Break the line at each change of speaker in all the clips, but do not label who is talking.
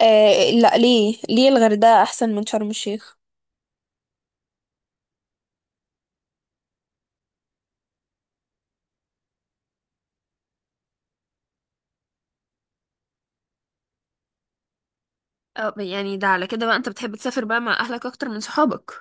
آه، لا، ليه الغردقة أحسن من شرم الشيخ؟ اه يعني ده على كده بقى انت بتحب تسافر بقى مع اهلك اكتر من صحابك؟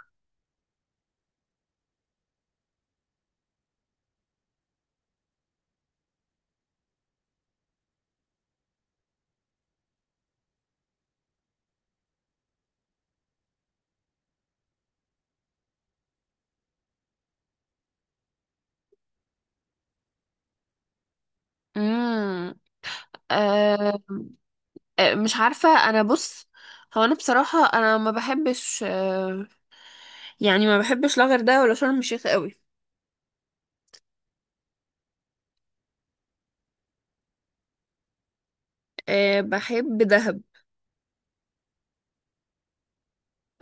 امم. أه. آه، مش عارفه، انا بص، هو انا بصراحه انا ما بحبش، أه يعني ما بحبش لا غردقه ولا شرم الشيخ قوي. أه بحب دهب،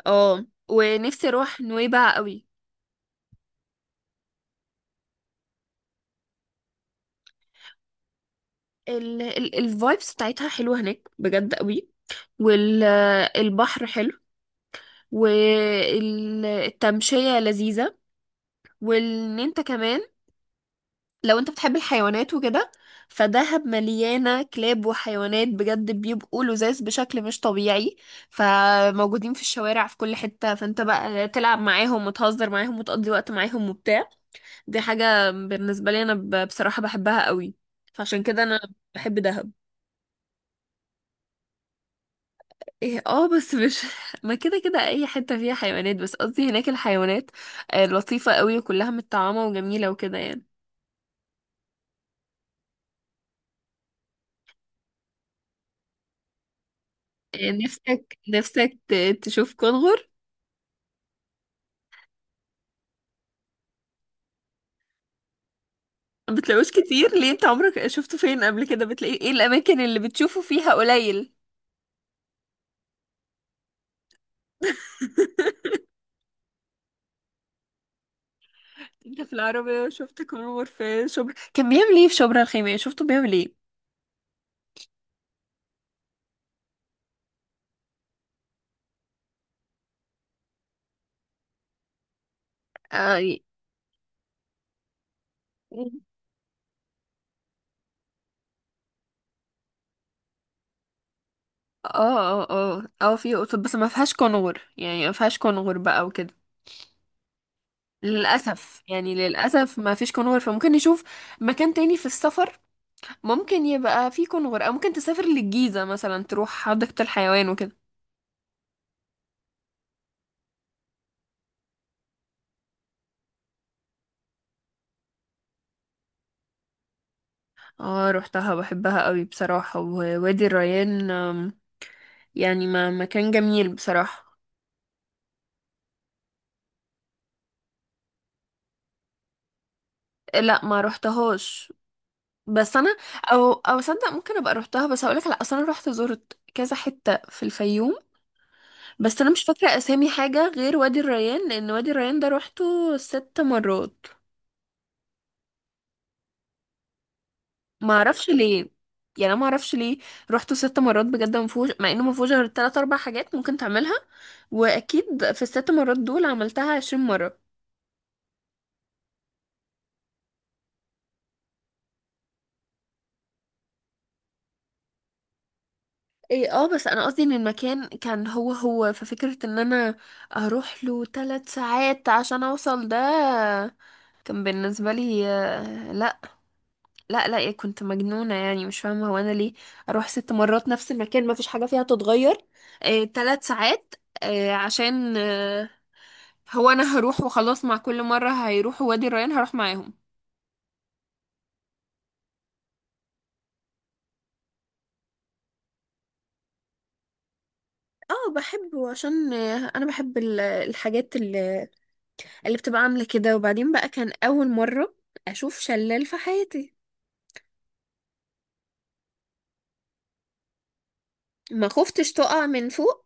اه ونفسي اروح نويبع قوي. ال ال الفايبس بتاعتها حلوه هناك بجد قوي، والبحر حلو، والتمشيه لذيذه، وان انت كمان لو انت بتحب الحيوانات وكده، فدهب مليانة كلاب وحيوانات بجد بيبقوا لذاذ بشكل مش طبيعي، فموجودين في الشوارع في كل حتة، فانت بقى تلعب معاهم وتهزر معاهم وتقضي وقت معاهم وبتاع. دي حاجة بالنسبة لي انا بصراحة بحبها قوي، فعشان كده انا بحب دهب. ايه اه، بس مش ما كده كده اي حتة فيها حيوانات، بس قصدي هناك الحيوانات آه، لطيفة قوي وكلها متطعمة وجميلة وكده يعني. نفسك تشوف كونغر؟ ما بتلاقوش كتير ليه؟ انت عمرك شفته فين قبل كده؟ بتلاقيه ايه الاماكن اللي بتشوفه فيها قليل؟ انت في العربية شفت كونغر في شبرا؟ كان بيعمل ايه في شبرا الخيمية؟ شفته بيعمل ايه؟ اه ي- اه اه اه اه، في قطط، بس ما فيهاش كونغر، يعني ما فيهاش كونغر بقى وكده. للأسف يعني، للأسف ما فيش كونغر، فممكن نشوف مكان تاني في السفر ممكن يبقى فيه كونغر، أو ممكن تسافر للجيزة مثلا تروح حديقة الحيوان وكده. اه روحتها، بحبها قوي بصراحة، ووادي الريان آم، يعني ما مكان جميل بصراحة. لا ما روحتهاش، بس انا او او صدق ممكن ابقى روحتها، بس هقولك على اصل انا روحت زرت كذا حتة في الفيوم، بس انا مش فاكرة اسامي حاجة غير وادي الريان، لان وادي الريان ده روحته 6 مرات. ما اعرفش ليه، يعني انا ما اعرفش ليه روحته 6 مرات بجد، ما فيهوش، مع انه ما فيهوش غير تلات اربع حاجات ممكن تعملها، واكيد في ال6 مرات دول عملتها 20 مرة. ايه اه، بس انا قصدي ان المكان كان هو هو، ففكرة ان انا اروح له 3 ساعات عشان اوصل ده كان بالنسبة لي آه، لا لا لا، إيه، كنت مجنونة يعني، مش فاهمة هو انا ليه اروح 6 مرات نفس المكان، ما فيش حاجة فيها تتغير. إيه 3 ساعات؟ آه، عشان آه، هو انا هروح وخلاص، مع كل مرة هيروحوا وادي الريان هروح معاهم. اه بحبه عشان آه، انا بحب الحاجات اللي بتبقى عاملة كده، وبعدين بقى كان أول مرة أشوف شلال في حياتي. ما خفتش تقع من فوق؟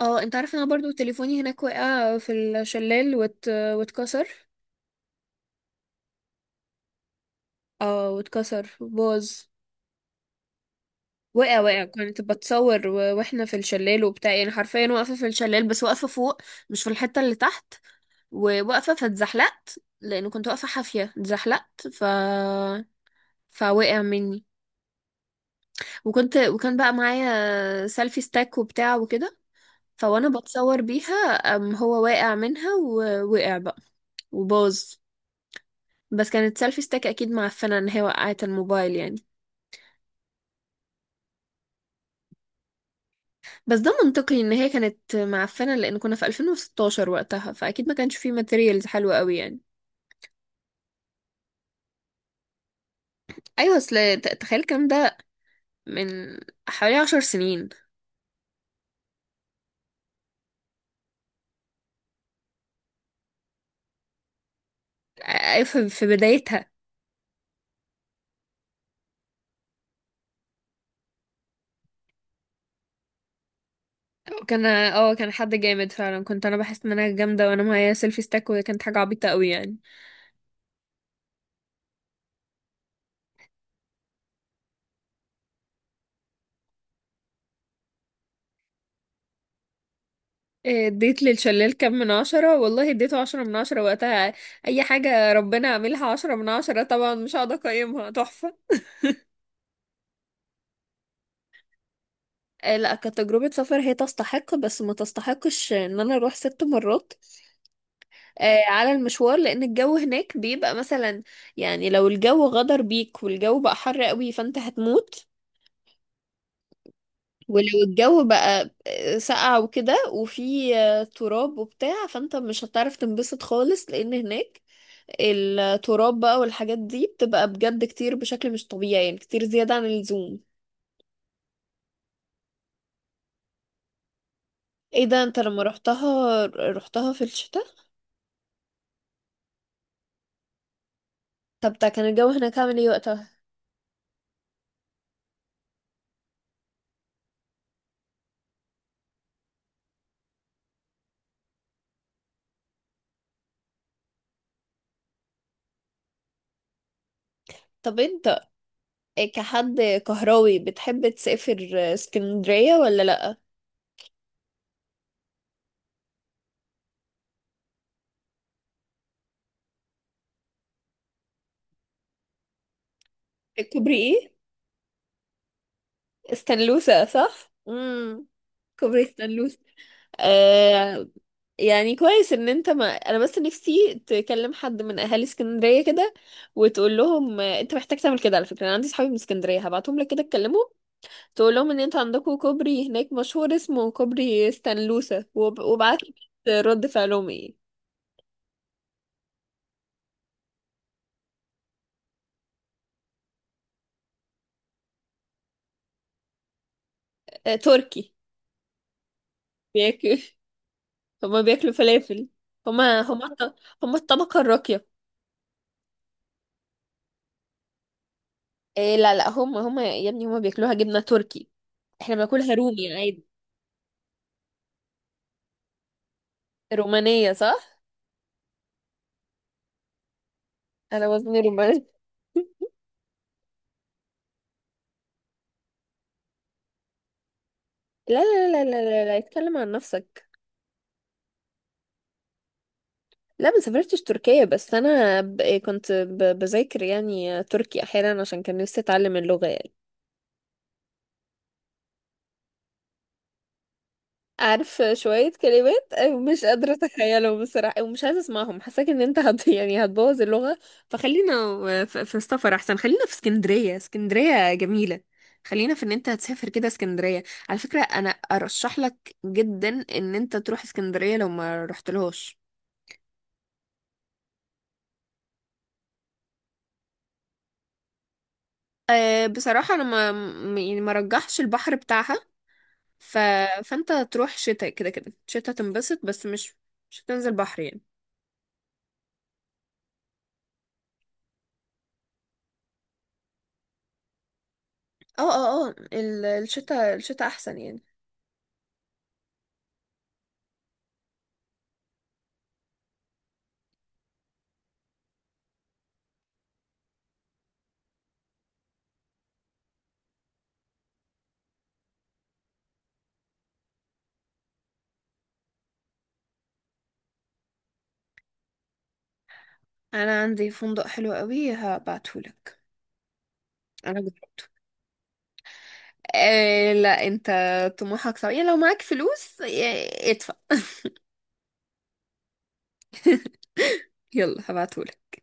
اه انت عارف، انا برضو تليفوني هناك وقع في الشلال واتكسر. اه واتكسر باظ. وقع وقع، كنت بتصور واحنا في الشلال وبتاع، يعني حرفيا واقفة في الشلال، بس واقفة فوق، مش في الحتة اللي تحت، وواقفة فاتزحلقت، لأنه كنت واقفة حافية اتزحلقت، فوقع مني. وكنت، وكان بقى معايا سيلفي ستاك وبتاع وكده، فوانا بتصور بيها، أم هو واقع منها ووقع بقى، وباظ. بس كانت سيلفي ستيك اكيد معفنه ان هي وقعت الموبايل يعني. بس ده منطقي ان هي كانت معفنه، لان كنا في 2016 وقتها، فاكيد ما كانش فيه ماتيريالز حلوه قوي يعني. ايوه، اصل تخيل الكلام ده من حوالي 10 سنين. أيوة، في بدايتها. كان اه، كان حد جامد فعلا، كنت انا بحس ان انا جامده وانا معايا سيلفي ستيك، وكانت حاجه عبيطه قوي يعني. آه، اديت للشلال كام من عشرة؟ والله اديته 10 من 10 وقتها. اي حاجة ربنا عاملها 10 من 10 طبعا، مش هقعد اقيمها تحفة. آه، لا كتجربة سفر هي تستحق، بس ما تستحقش ان انا اروح 6 مرات آه، على المشوار، لان الجو هناك بيبقى مثلا، يعني لو الجو غدر بيك والجو بقى حر قوي فانت هتموت. ولو الجو بقى آه، ساقع وكده وفي آه، تراب وبتاع، فانت مش هتعرف تنبسط خالص، لان هناك التراب بقى والحاجات دي بتبقى بجد كتير بشكل مش طبيعي يعني، كتير زيادة عن اللزوم. ايه ده، انت لما رحتها رحتها في الشتاء؟ طب ده كان الجو هناك عامل ايه وقتها؟ طب انت كحد كهراوي بتحب تسافر اسكندرية ولا لأ؟ كوبري ايه؟ استنلوسة، صح، امم. كوبري استنلوسة. آه، يعني كويس ان انت، ما انا بس نفسي تكلم حد من اهالي اسكندريه كده وتقول لهم آه، انت محتاج تعمل كده، على فكره انا عندي صحابي من اسكندريه هبعتهم لك كده، تكلمهم تقول لهم ان انت عندكم كوبري هناك مشهور اسمه كوبري ستانلوسا، وابعت لي كده رد فعلهم ايه. آه، تركي. بياكل هما بياكلوا فلافل؟ هما هما هما الطبقه الراقيه. إيه لا لا، هما هما يا ابني، هما بياكلوها جبنه تركي، احنا بناكلها رومي عادي. رومانيه، صح. انا وزني روماني. لا لا لا لا لا لا، اتكلم عن نفسك. لا ما سافرتش تركيا، بس انا كنت بذاكر يعني تركي احيانا، عشان كان نفسي اتعلم اللغة يعني. عارف شوية كلمات؟ مش قادرة اتخيلهم بصراحة، ومش عايزة اسمعهم، حاساك ان انت يعني هتبوظ اللغة. فخلينا في السفر احسن، خلينا في اسكندرية، اسكندرية جميلة، خلينا في ان انت هتسافر كده اسكندرية. على فكرة انا ارشح لك جدا ان انت تروح اسكندرية لو ما رحتلهاش. أه بصراحة أنا ما م- يعني ما رجحش البحر بتاعها، ف... فأنت تروح شتاء، كده كده شتاء تنبسط، بس مش مش هتنزل بحر يعني. اه اه اه، الشتاء، الشتاء أحسن يعني. أنا عندي فندق حلو قوي هبعتهولك. أنا جربته. أه لا، أنت طموحك صعب يعني، لو معاك فلوس آه، ادفع. يلا هبعتهولك.